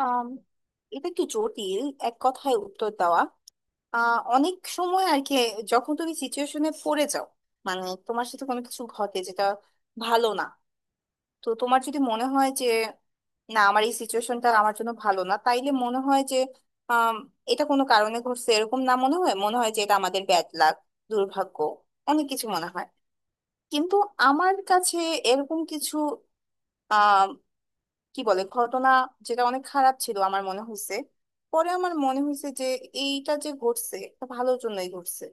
আম, এটা একটু জটিল এক কথায় উত্তর দেওয়া অনেক সময় আর কি। যখন তুমি সিচুয়েশনে পড়ে যাও মানে তোমার সাথে কোনো কিছু ঘটে যেটা ভালো না, তো তোমার যদি মনে হয় যে না আমার এই সিচুয়েশনটা আমার জন্য ভালো না, তাইলে মনে হয় যে আম, এটা কোনো কারণে ঘটছে এরকম না, মনে হয় যে এটা আমাদের ব্যাড লাক, দুর্ভাগ্য, অনেক কিছু মনে হয়। কিন্তু আমার কাছে এরকম কিছু, কি বলে, ঘটনা যেটা অনেক খারাপ ছিল আমার মনে হয়েছে, পরে আমার মনে হয়েছে যে এইটা যে ঘটছে এটা ভালোর জন্যই ঘটছে।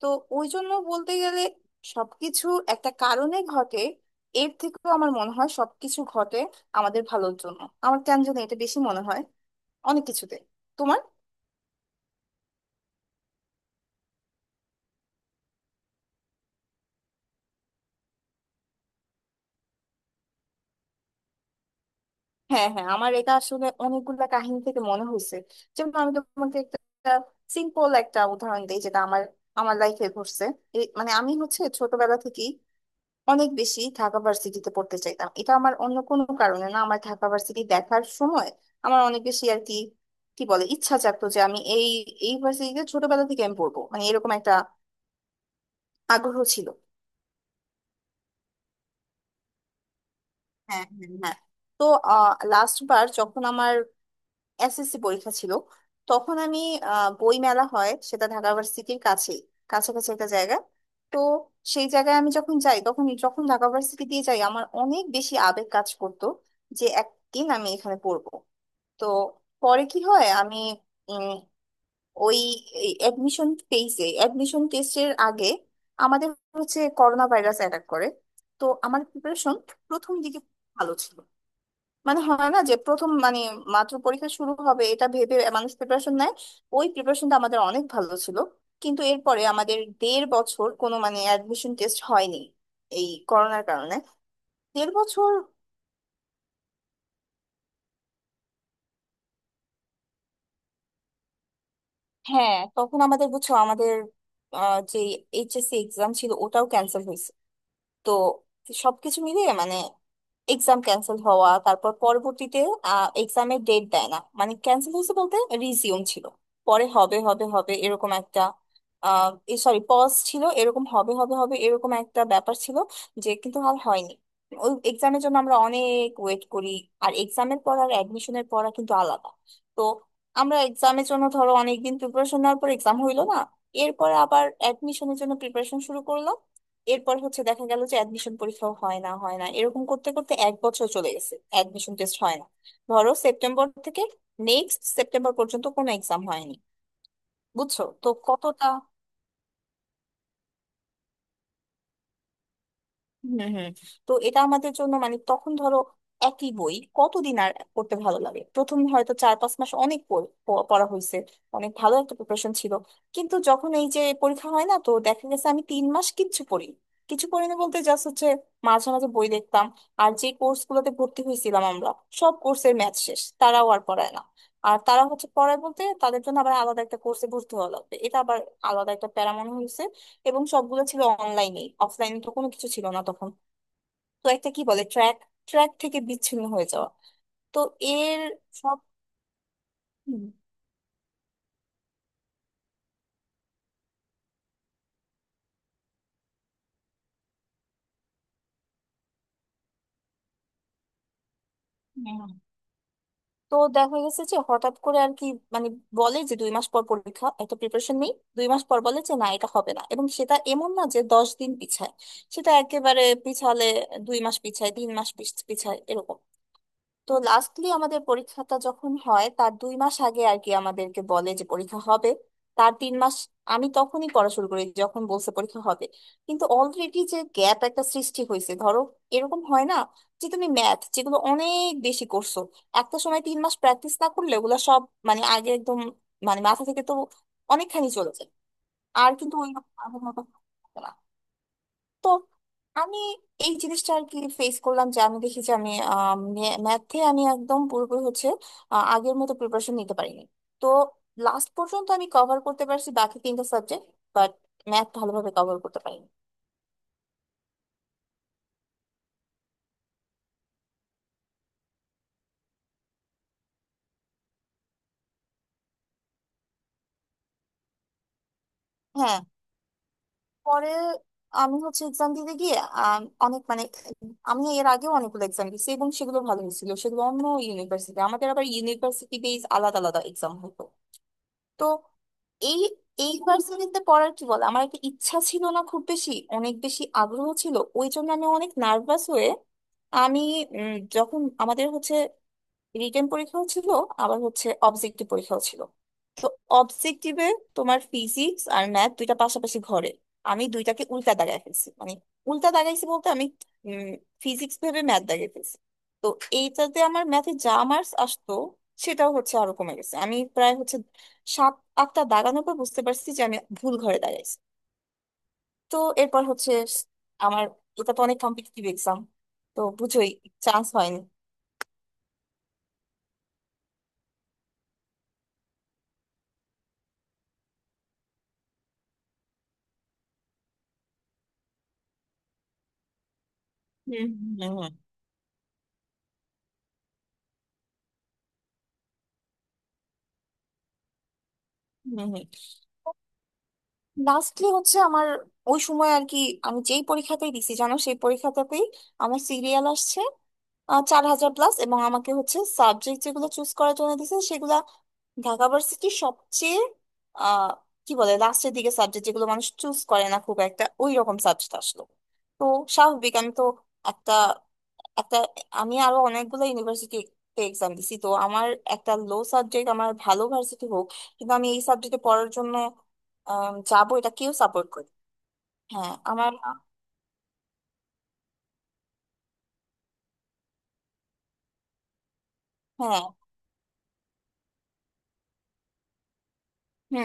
তো ওই জন্য বলতে গেলে সবকিছু একটা কারণে ঘটে, এর থেকেও আমার মনে হয় সবকিছু ঘটে আমাদের ভালোর জন্য। আমার কেন জানি এটা বেশি মনে হয় অনেক কিছুতে। তোমার। হ্যাঁ, হ্যাঁ, আমার এটা আসলে অনেকগুলা কাহিনী থেকে মনে হয়েছে। যেমন আমি তোমাকে একটা সিম্পল একটা উদাহরণ দিই যেটা আমার আমার লাইফে ঘটছে। মানে আমি হচ্ছে ছোটবেলা থেকেই অনেক বেশি ঢাকা ভার্সিটিতে পড়তে চাইতাম, এটা আমার অন্য কোনো কারণে না, আমার ঢাকা ভার্সিটি দেখার সময় আমার অনেক বেশি আর কি, কি বলে, ইচ্ছা জাগতো যে আমি এই এই ভার্সিটিতে ছোটবেলা থেকে আমি পড়বো মানে এরকম একটা আগ্রহ ছিল। হ্যাঁ, হ্যাঁ, হ্যাঁ। তো লাস্ট বার যখন আমার এসএসসি পরীক্ষা ছিল তখন আমি বই মেলা হয় সেটা ঢাকা ভার্সিটির কাছেই, কাছাকাছি একটা জায়গা। তো সেই জায়গায় আমি যখন যাই তখন যখন ঢাকা ভার্সিটি দিয়ে যাই আমার অনেক বেশি আবেগ কাজ করতো যে একদিন আমি এখানে পড়বো। তো পরে কি হয়, আমি উম, ওই অ্যাডমিশন পেইজে অ্যাডমিশন টেস্টের আগে আমাদের হচ্ছে করোনা ভাইরাস অ্যাটাক করে। তো আমার প্রিপারেশন প্রথম দিকে ভালো ছিল, মানে হয় না যে প্রথম মানে মাত্র পরীক্ষা শুরু হবে এটা ভেবে মানুষ প্রিপারেশন নেয়, ওই প্রিপারেশনটা আমাদের অনেক ভালো ছিল। কিন্তু এরপরে আমাদের 1.5 বছর কোনো মানে অ্যাডমিশন টেস্ট হয়নি এই করোনার কারণে। 1.5 বছর। হ্যাঁ, তখন আমাদের বুঝছো আমাদের যে এইচএসসি এক্সাম ছিল ওটাও ক্যান্সেল হয়েছে। তো সবকিছু মিলিয়ে মানে এক্সাম ক্যান্সেল হওয়া, তারপর পরবর্তীতে এক্সামের ডেট দেয় না, মানে ক্যান্সেল হয়েছে বলতে রিজিউম ছিল, পরে হবে হবে হবে এরকম একটা, সরি পজ ছিল, এরকম হবে হবে হবে এরকম একটা ব্যাপার ছিল যে, কিন্তু আর হয়নি। ওই এক্সামের জন্য আমরা অনেক ওয়েট করি। আর এক্সামের পর আর অ্যাডমিশনের পড়া কিন্তু আলাদা। তো আমরা এক্সামের জন্য ধরো অনেকদিন প্রিপারেশন নেওয়ার পর এক্সাম হইলো না। এরপর আবার অ্যাডমিশনের জন্য প্রিপারেশন শুরু করলাম। এরপর হচ্ছে দেখা গেল যে অ্যাডমিশন পরীক্ষাও হয় না, হয় না এরকম করতে করতে এক বছর চলে গেছে, অ্যাডমিশন টেস্ট হয় না। ধরো সেপ্টেম্বর থেকে নেক্সট সেপ্টেম্বর পর্যন্ত কোনো এক্সাম হয়নি। বুঝছো তো কতটা। হম, হম। তো এটা আমাদের জন্য মানে তখন ধরো একই বই কতদিন আর পড়তে ভালো লাগে, প্রথম হয়তো 4-5 মাস অনেক পড়া হয়েছে, অনেক ভালো একটা প্রিপারেশন ছিল। কিন্তু যখন এই যে পরীক্ষা হয় না, তো দেখা গেছে আমি 3 মাস কিচ্ছু পড়ি, কিছু পড়ি না বলতে জাস্ট হচ্ছে মাঝে মাঝে বই দেখতাম। আর যে কোর্স গুলোতে ভর্তি হয়েছিলাম আমরা, সব কোর্সের ম্যাথ শেষ, তারাও আর পড়ায় না। আর তারা হচ্ছে পড়ায় বলতে তাদের জন্য আবার আলাদা একটা কোর্সে ভর্তি হওয়া লাগবে, এটা আবার আলাদা একটা প্যারা মনে হয়েছে। এবং সবগুলো ছিল অনলাইনে, অফলাইনে তো কোনো কিছু ছিল না তখন। তো একটা কি বলে ট্র্যাক, ট্র্যাক থেকে বিচ্ছিন্ন হয়ে যাওয়া। তো এর সব। হুম, হ্যাঁ। তো দেখা গেছে যে হঠাৎ করে আর কি মানে বলে যে 2 মাস পর পরীক্ষা, একটা প্রিপারেশন নেই, দুই মাস পর বলে যে না এটা হবে না, এবং সেটা এমন না যে 10 দিন পিছায়, সেটা একেবারে পিছালে 2 মাস পিছায়, 3 মাস পিছায় এরকম। তো লাস্টলি আমাদের পরীক্ষাটা যখন হয় তার 2 মাস আগে আর কি আমাদেরকে বলে যে পরীক্ষা হবে, তার 3 মাস আমি তখনই পড়া শুরু করি যখন বলছে পরীক্ষা হবে। কিন্তু অলরেডি যে গ্যাপ একটা সৃষ্টি হয়েছে ধরো, এরকম হয় না যে তুমি ম্যাথ যেগুলো অনেক বেশি করছো, একটা সময় 3 মাস প্র্যাকটিস না করলে ওগুলো সব মানে আগে একদম মানে মাথা থেকে তো অনেকখানি চলে যায়, আর কিন্তু ওই রকম আগের মতো হয় না। তো আমি এই জিনিসটা আর কি ফেস করলাম যে আমি দেখি যে আমি ম্যাথে একদম পুরোপুরি হচ্ছে আগের মতো প্রিপারেশন নিতে পারিনি। তো লাস্ট পর্যন্ত আমি কভার করতে পারছি বাকি তিনটা সাবজেক্ট, বাট ম্যাথ ভালোভাবে কভার করতে পারিনি। হ্যাঁ। পরে আমি হচ্ছে এক্সাম দিতে গিয়ে অনেক মানে, আমি এর আগেও অনেকগুলো এক্সাম দিয়েছি এবং সেগুলো ভালো হয়েছিল, সেগুলো অন্য ইউনিভার্সিটি, আমাদের আবার ইউনিভার্সিটি বেস আলাদা আলাদা এক্সাম হতো। তো এই এই ভার্সিটিতে পড়ার কি বলে আমার একটা ইচ্ছা ছিল না খুব বেশি, অনেক বেশি আগ্রহ ছিল, ওই জন্য আমি অনেক নার্ভাস হয়ে আমি যখন আমাদের হচ্ছে রিটেন পরীক্ষাও ছিল, আবার হচ্ছে অবজেক্টিভ পরীক্ষাও ছিল। তো অবজেক্টিভে তোমার ফিজিক্স আর ম্যাথ দুইটা পাশাপাশি ঘরে, আমি দুইটাকে উল্টা দাগায় ফেলছি, মানে উল্টা দাগাইছি বলতে আমি ফিজিক্স ভেবে ম্যাথ দাগিয়ে ফেলছি। তো এইটাতে আমার ম্যাথে যা মার্কস আসতো সেটাও হচ্ছে আরো কমে গেছে, আমি প্রায় হচ্ছে 7-8টা দাগানোর পর বুঝতে পারছি যে আমি ভুল ঘরে দাগাইছি। তো এরপর হচ্ছে আমার এটা তো অনেক কম্পিটিটিভ এক্সাম, তো বুঝোই চান্স হয়নি। হুম, হুম, হুম, হুম। হম। লাস্টলি হচ্ছে আমার ওই সময় আর কি আমি যেই পরীক্ষাতেই দিছি জানো সেই পরীক্ষাটাতেই আমার সিরিয়াল আসছে 4,000 প্লাস, এবং আমাকে হচ্ছে সাবজেক্ট যেগুলো চুজ করার জন্য দিছে সেগুলা ঢাকা ভার্সিটির সবচেয়ে আহ কি বলে লাস্টের দিকে, সাবজেক্ট যেগুলো মানুষ চুজ করে না খুব একটা, ওই রকম সাবজেক্ট আসলো। তো স্বাভাবিক আমি তো একটা একটা আমি আরো অনেকগুলো ইউনিভার্সিটিতে এক্সাম দিছি, তো আমার একটা লো সাবজেক্ট আমার ভালো ভার্সিটি হোক কিন্তু আমি এই সাবজেক্টে পড়ার জন্য যাবো এটা কেউ সাপোর্ট করে। হ্যাঁ, আমার। হ্যাঁ, হুম।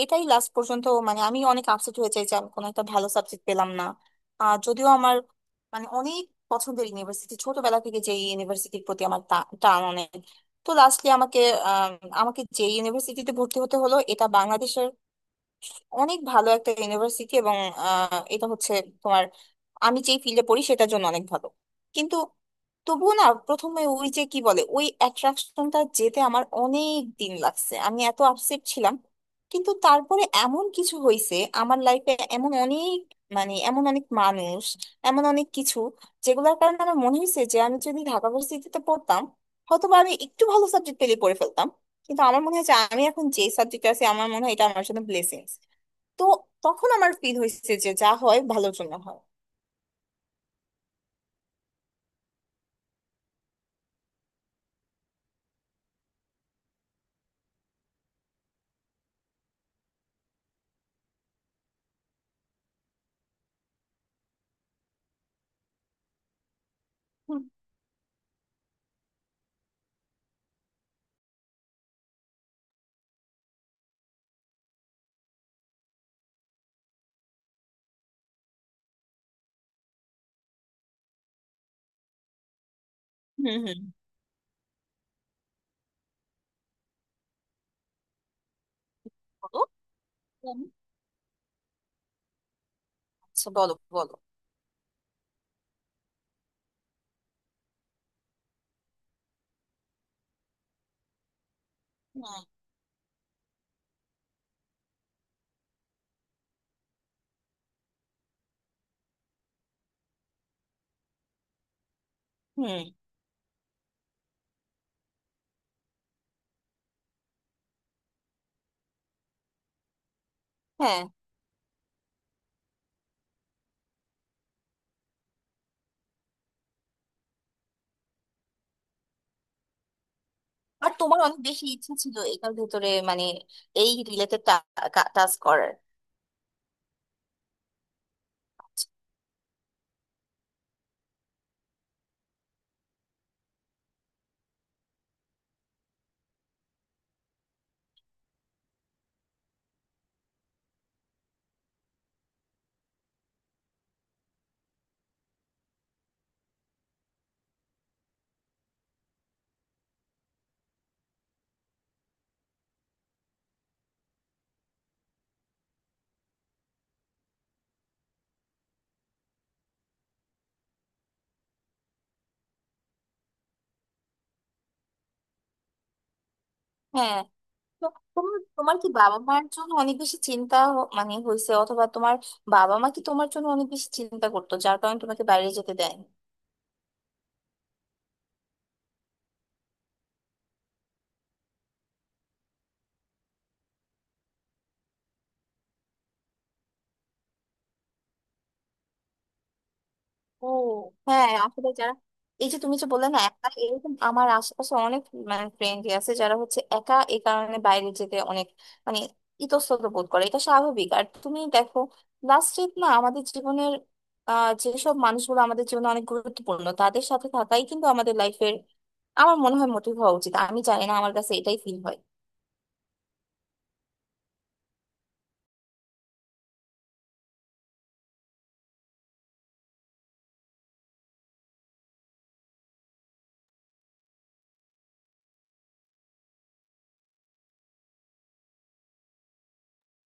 এটাই লাস্ট পর্যন্ত মানে আমি অনেক আপসেট হয়ে যাই যে আমি কোনো একটা ভালো সাবজেক্ট পেলাম না। আহ যদিও আমার মানে অনেক পছন্দের ইউনিভার্সিটি ছোটবেলা থেকে, যে ইউনিভার্সিটির প্রতি আমার টান অনেক। তো লাস্টলি আম, আমাকে যে ইউনিভার্সিটিতে ভর্তি হতে হলো এটা বাংলাদেশের অনেক ভালো একটা ইউনিভার্সিটি, এবং এটা হচ্ছে তোমার আমি যেই ফিল্ডে পড়ি সেটার জন্য অনেক ভালো। কিন্তু তবুও না প্রথমে ওই যে কি বলে ওই অ্যাট্রাকশনটা যেতে আমার অনেক দিন লাগছে, আমি এত আপসেট ছিলাম। কিন্তু তারপরে এমন কিছু হয়েছে আমার লাইফে, এমন অনেক মানে এমন অনেক মানুষ, এমন অনেক কিছু যেগুলোর কারণে আমার মনে হয়েছে যে আমি যদি ঢাকা ভার্সিটিতে পড়তাম হয়তো বা আমি একটু ভালো সাবজেক্ট পেলে পড়ে ফেলতাম, কিন্তু আমার মনে হয় যে আমি এখন যে সাবজেক্ট আছে আমার মনে হয় এটা আমার জন্য ব্লেসিংস। তো তখন আমার ফিল হয়েছে যে যা হয় ভালোর জন্য হয়। হুম, হুম, হুম। বলো। হুম। আচ্ছা, বলো, বলো। হুম, হুম। হ্যাঁ। আর তোমার অনেক বেশি ইচ্ছা ছিল এটার ভেতরে মানে এই রিলেটেড টাস্ক করার। হ্যাঁ, তো তোমার তোমার কি বাবা মার জন্য অনেক বেশি চিন্তা মানে হয়েছে অথবা তোমার বাবা মা কি তোমার জন্য অনেক বেশি চিন্তা করতো যার কারণে তোমাকে বাইরে যেতে দেয়। ও, হ্যাঁ। আসলে যারা, এই যে তুমি যে বললে না একা, এরকম আমার আশেপাশে অনেক মানে ফ্রেন্ড আছে যারা হচ্ছে একা এই কারণে বাইরে যেতে অনেক মানে ইতস্তত বোধ করে। এটা স্বাভাবিক। আর তুমি দেখো লাস্ট ট্রিপ না আমাদের জীবনের, আহ যেসব মানুষগুলো আমাদের জীবনে অনেক গুরুত্বপূর্ণ তাদের সাথে থাকাই কিন্তু আমাদের লাইফের, আমার মনে হয় মোটিভ হওয়া উচিত। আমি জানি না, আমার কাছে এটাই ফিল হয়।